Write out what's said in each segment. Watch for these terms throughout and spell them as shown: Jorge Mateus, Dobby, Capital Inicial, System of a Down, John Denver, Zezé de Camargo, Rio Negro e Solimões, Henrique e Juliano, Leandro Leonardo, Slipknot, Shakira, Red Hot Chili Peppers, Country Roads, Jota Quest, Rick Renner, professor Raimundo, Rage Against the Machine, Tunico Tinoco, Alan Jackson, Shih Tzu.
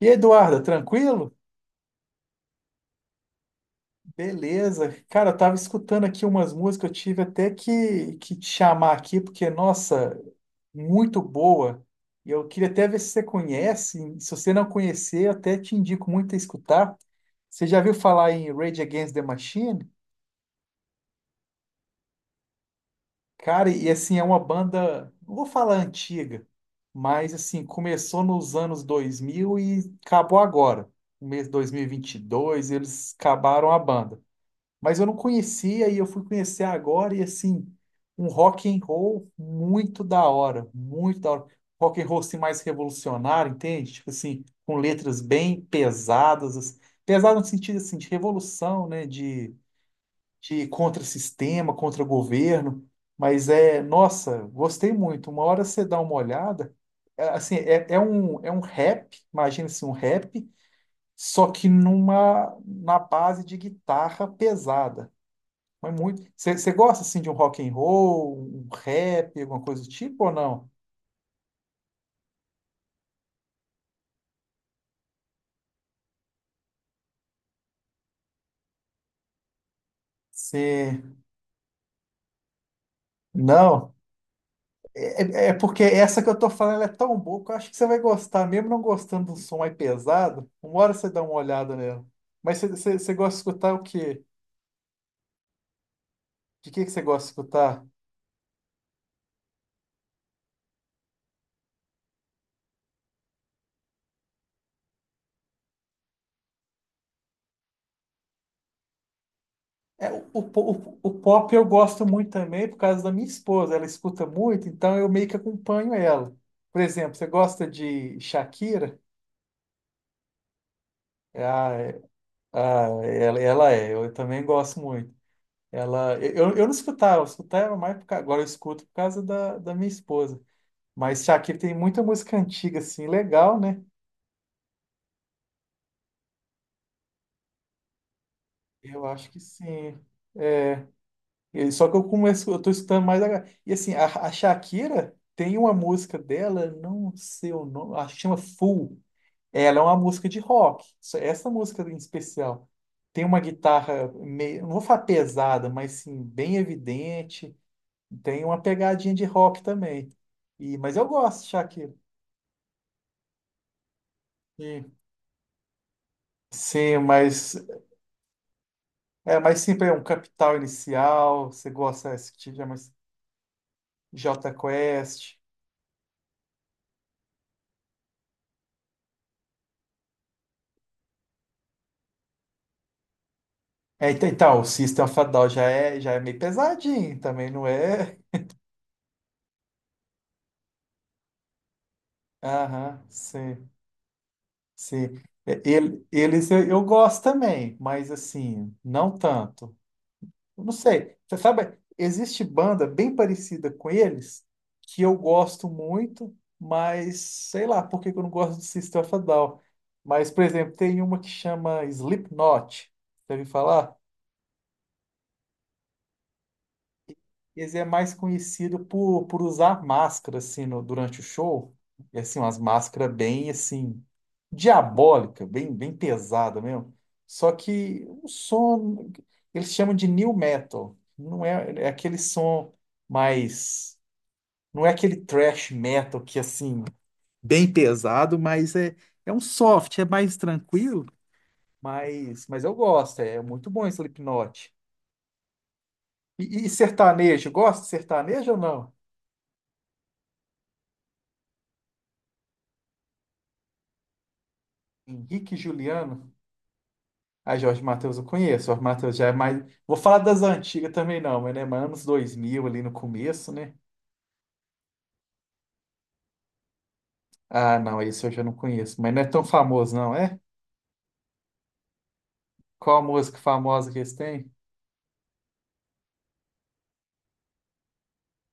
Eduarda, tranquilo? Beleza. Cara, eu tava escutando aqui umas músicas, eu tive até que te chamar aqui, porque, nossa, muito boa. Eu queria até ver se você conhece. Se você não conhecer, eu até te indico muito a escutar. Você já viu falar em Rage Against the Machine? Cara, e assim, é uma banda, não vou falar antiga, mas assim, começou nos anos 2000 e acabou agora. No mês de dois, mil e vinte e dois, eles acabaram a banda. Mas eu não conhecia e eu fui conhecer agora e assim, um rock and roll muito da hora, muito da hora. Rock and roll assim, mais revolucionário, entende? Tipo assim, com letras bem pesadas, assim, pesado no sentido assim de revolução, né, de contra-sistema, contra-governo, mas é, nossa, gostei muito. Uma hora você dá uma olhada, é, assim, é um rap, imagina assim, um rap. Só que na base de guitarra pesada, mas muito. Você gosta assim de um rock and roll, um rap, alguma coisa do tipo ou não? Você não? É, é porque essa que eu tô falando ela é tão boa que eu acho que você vai gostar, mesmo não gostando do som mais pesado. Uma hora você dá uma olhada nela. Mas você gosta de escutar o quê? De que você gosta de escutar? É, o pop eu gosto muito também por causa da minha esposa. Ela escuta muito, então eu meio que acompanho ela. Por exemplo, você gosta de Shakira? Ah, é. Ah, ela é, eu também gosto muito. Eu não escutava, eu escutava mais agora eu escuto por causa da minha esposa. Mas Shakira tem muita música antiga, assim, legal, né? Eu acho que sim. Só que eu tô escutando mais agora. E assim, a Shakira tem uma música dela, não sei o nome, acho que chama Fool. Ela é uma música de rock. Essa música em especial tem uma guitarra meio, não vou falar pesada, mas sim, bem evidente. Tem uma pegadinha de rock também. E, mas eu gosto de Shakira. E, sim, mas é mais sempre é um Capital Inicial. Você gosta desse tipo de mais Jota Quest. É, então, então, o System of a Down já é meio pesadinho também, não é? Aham, sim, sim. É, eles eu gosto também, mas assim, não tanto. Eu não sei. Você sabe, existe banda bem parecida com eles que eu gosto muito, mas sei lá por que que eu não gosto do System of a Down. Mas, por exemplo, tem uma que chama Slipknot. Deve falar? Esse é mais conhecido por usar máscara, assim, durante o show. E, assim, umas máscaras bem, assim, diabólica, bem, bem pesada mesmo. Só que o som, eles chamam de new metal. Não é, é aquele som mais... Não é aquele thrash metal que, assim, bem pesado, mas é, é um soft, é mais tranquilo. Mas eu gosto, é muito bom esse Slipknot. E sertanejo, gosta de sertanejo ou não? Henrique e Juliano. Ah, Jorge Mateus eu conheço. Jorge Mateus já é mais. Vou falar das antigas também, não, mas né, mas anos 2000 ali no começo, né? Ah, não, esse eu já não conheço. Mas não é tão famoso, não, é? Qual a música famosa que eles têm?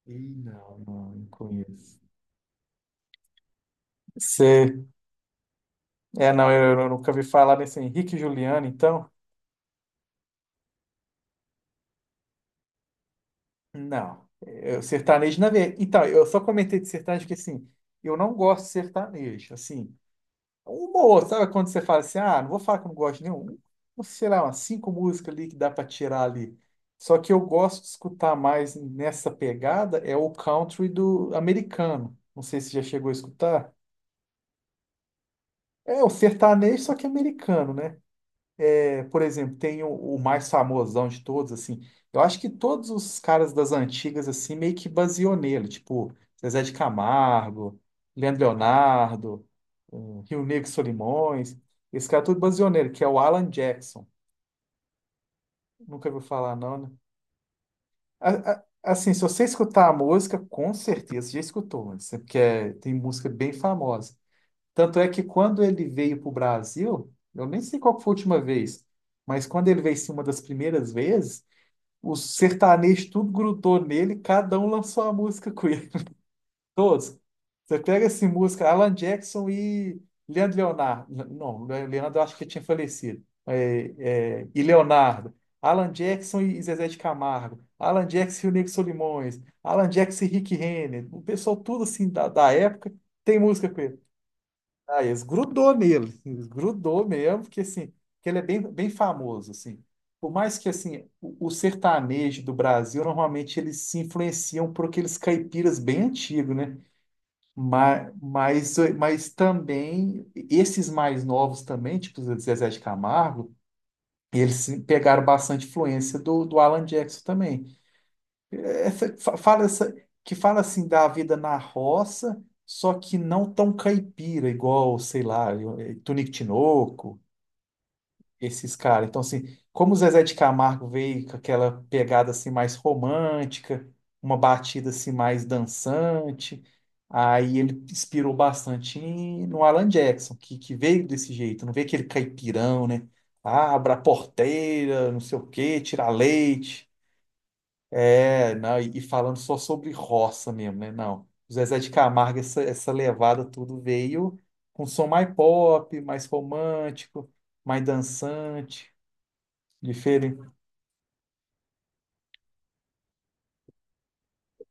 Ih, não, não, não conheço. Você. É, não, eu nunca vi falar nesse Henrique e Juliano, então. Não. Eu, sertanejo, na verdade. Então, eu só comentei de sertanejo porque, assim, eu não gosto de sertanejo. Assim, uma ou outra, sabe quando você fala assim, ah, não vou falar que eu não gosto de nenhum, uns, sei lá, umas cinco músicas ali que dá para tirar ali. Só que eu gosto de escutar mais nessa pegada é o country do americano. Não sei se já chegou a escutar. É o sertanejo, só que americano, né? É, por exemplo, tem o mais famosão de todos, assim. Eu acho que todos os caras das antigas, assim, meio que baseou nele. Tipo, Zezé de Camargo, Leandro Leonardo, eh, Rio Negro e Solimões. Esse cara tudo baseou nele, que é o Alan Jackson. Nunca ouviu falar, não, né? Assim, se você escutar a música, com certeza você já escutou, mas é porque tem música bem famosa. Tanto é que quando ele veio para o Brasil, eu nem sei qual que foi a última vez, mas quando ele veio, sim, uma das primeiras vezes, os sertanejos tudo grudou nele, cada um lançou uma música com ele. Todos. Você pega essa música, Alan Jackson e Leandro Leonardo. Não, Leandro eu acho que tinha falecido. É, é, e Leonardo. Alan Jackson e Zezé de Camargo. Alan Jackson e o Nego Solimões. Alan Jackson e Rick Renner. O pessoal tudo assim da época tem música com ele. Ah, eles grudou nele, eles grudou mesmo, porque assim, que ele é bem, bem famoso, assim. Por mais que assim, o sertanejo do Brasil, normalmente eles se influenciam por aqueles caipiras bem antigos, né? Mas também, esses mais novos também, tipo o Zezé de Camargo, eles se- pegaram bastante influência do Alan Jackson também. Essa, fala essa, que fala assim da vida na roça, só que não tão caipira, igual, sei lá, Tunico Tinoco, esses caras. Então, assim, como o Zezé de Camargo veio com aquela pegada assim mais romântica, uma batida assim mais dançante, aí ele inspirou bastante no Alan Jackson, que veio desse jeito, não veio aquele caipirão, né? Ah, Abra a porteira, não sei o quê, tirar leite. É, não, e falando só sobre roça mesmo, né? Não. O Zezé de Camargo, essa levada tudo veio com som mais pop, mais romântico, mais dançante, diferente.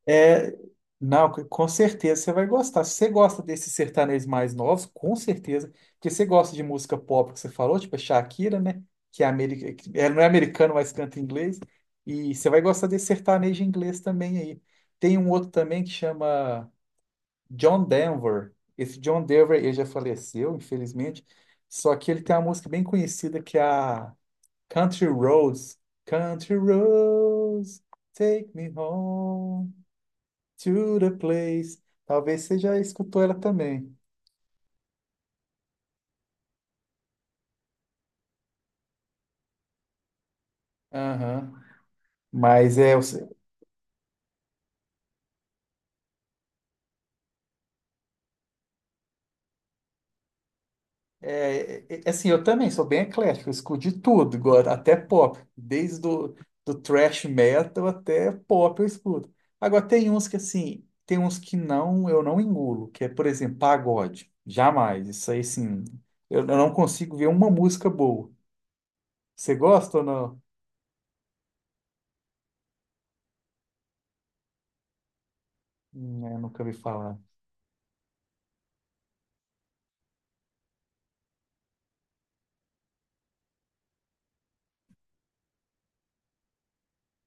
É, não, com certeza você vai gostar. Se você gosta desses sertanejos mais novos, com certeza, porque você gosta de música pop que você falou, tipo a Shakira, né? Que é, não é americano, mas canta em inglês. E você vai gostar desse sertanejo inglês também aí. Tem um outro também que chama. John Denver. Esse John Denver, ele já faleceu, infelizmente. Só que ele tem uma música bem conhecida que é a Country Roads. Country Roads, take me home to the place. Talvez você já escutou ela também. Aham. Mas é, é, é, é, assim, eu também sou bem eclético, eu escuto de tudo, agora, até pop, desde do thrash metal até pop eu escuto. Agora tem uns que assim, tem uns que não, eu não engulo, que é, por exemplo, pagode. Jamais, isso aí sim, eu não consigo ver uma música boa. Você gosta ou não? Eu nunca vi falar.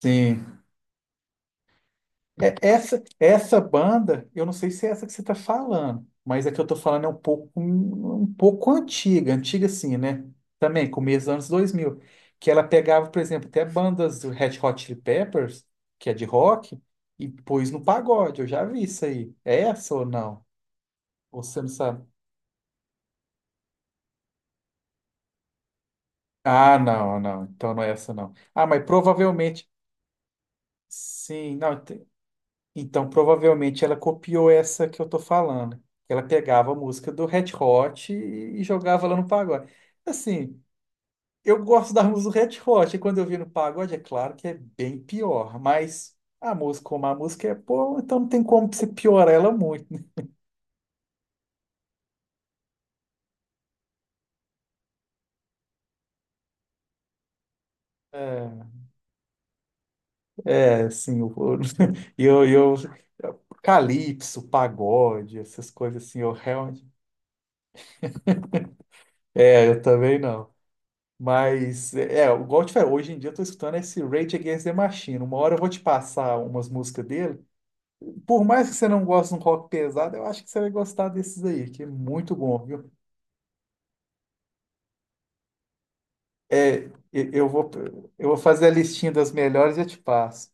Sim. É, Essa banda, eu não sei se é essa que você está falando, mas a que eu estou falando é um pouco, um pouco antiga, antiga assim, né? Também, começo dos anos 2000 que ela pegava, por exemplo, até bandas do Red Hot Chili Peppers, que é de rock, e pôs no pagode, eu já vi isso aí. É essa ou não? Ou você não sabe? Ah, não, não, então não é essa não. Ah, mas provavelmente, sim, não, então, provavelmente ela copiou essa que eu tô falando. Ela pegava a música do Red Hot e jogava lá no pagode. Assim, eu gosto da música do Red Hot, e quando eu vi no pagode, é claro que é bem pior, mas a música, como a música é boa, então não tem como você piorar ela muito, né? É, é, assim, eu, eu, eu, calypso, pagode, essas coisas assim, eu realmente. É, eu também não. Mas, é, é, igual eu te falei, hoje em dia eu tô escutando esse Rage Against the Machine. Uma hora eu vou te passar umas músicas dele. Por mais que você não goste de um rock pesado, eu acho que você vai gostar desses aí, que é muito bom, viu? É, e- eu vou, eu vou, fazer a listinha das melhores e eu te passo.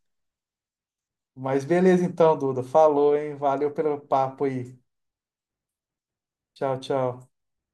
Mas beleza então, Duda. Falou, hein? Valeu pelo papo aí. Tchau, tchau.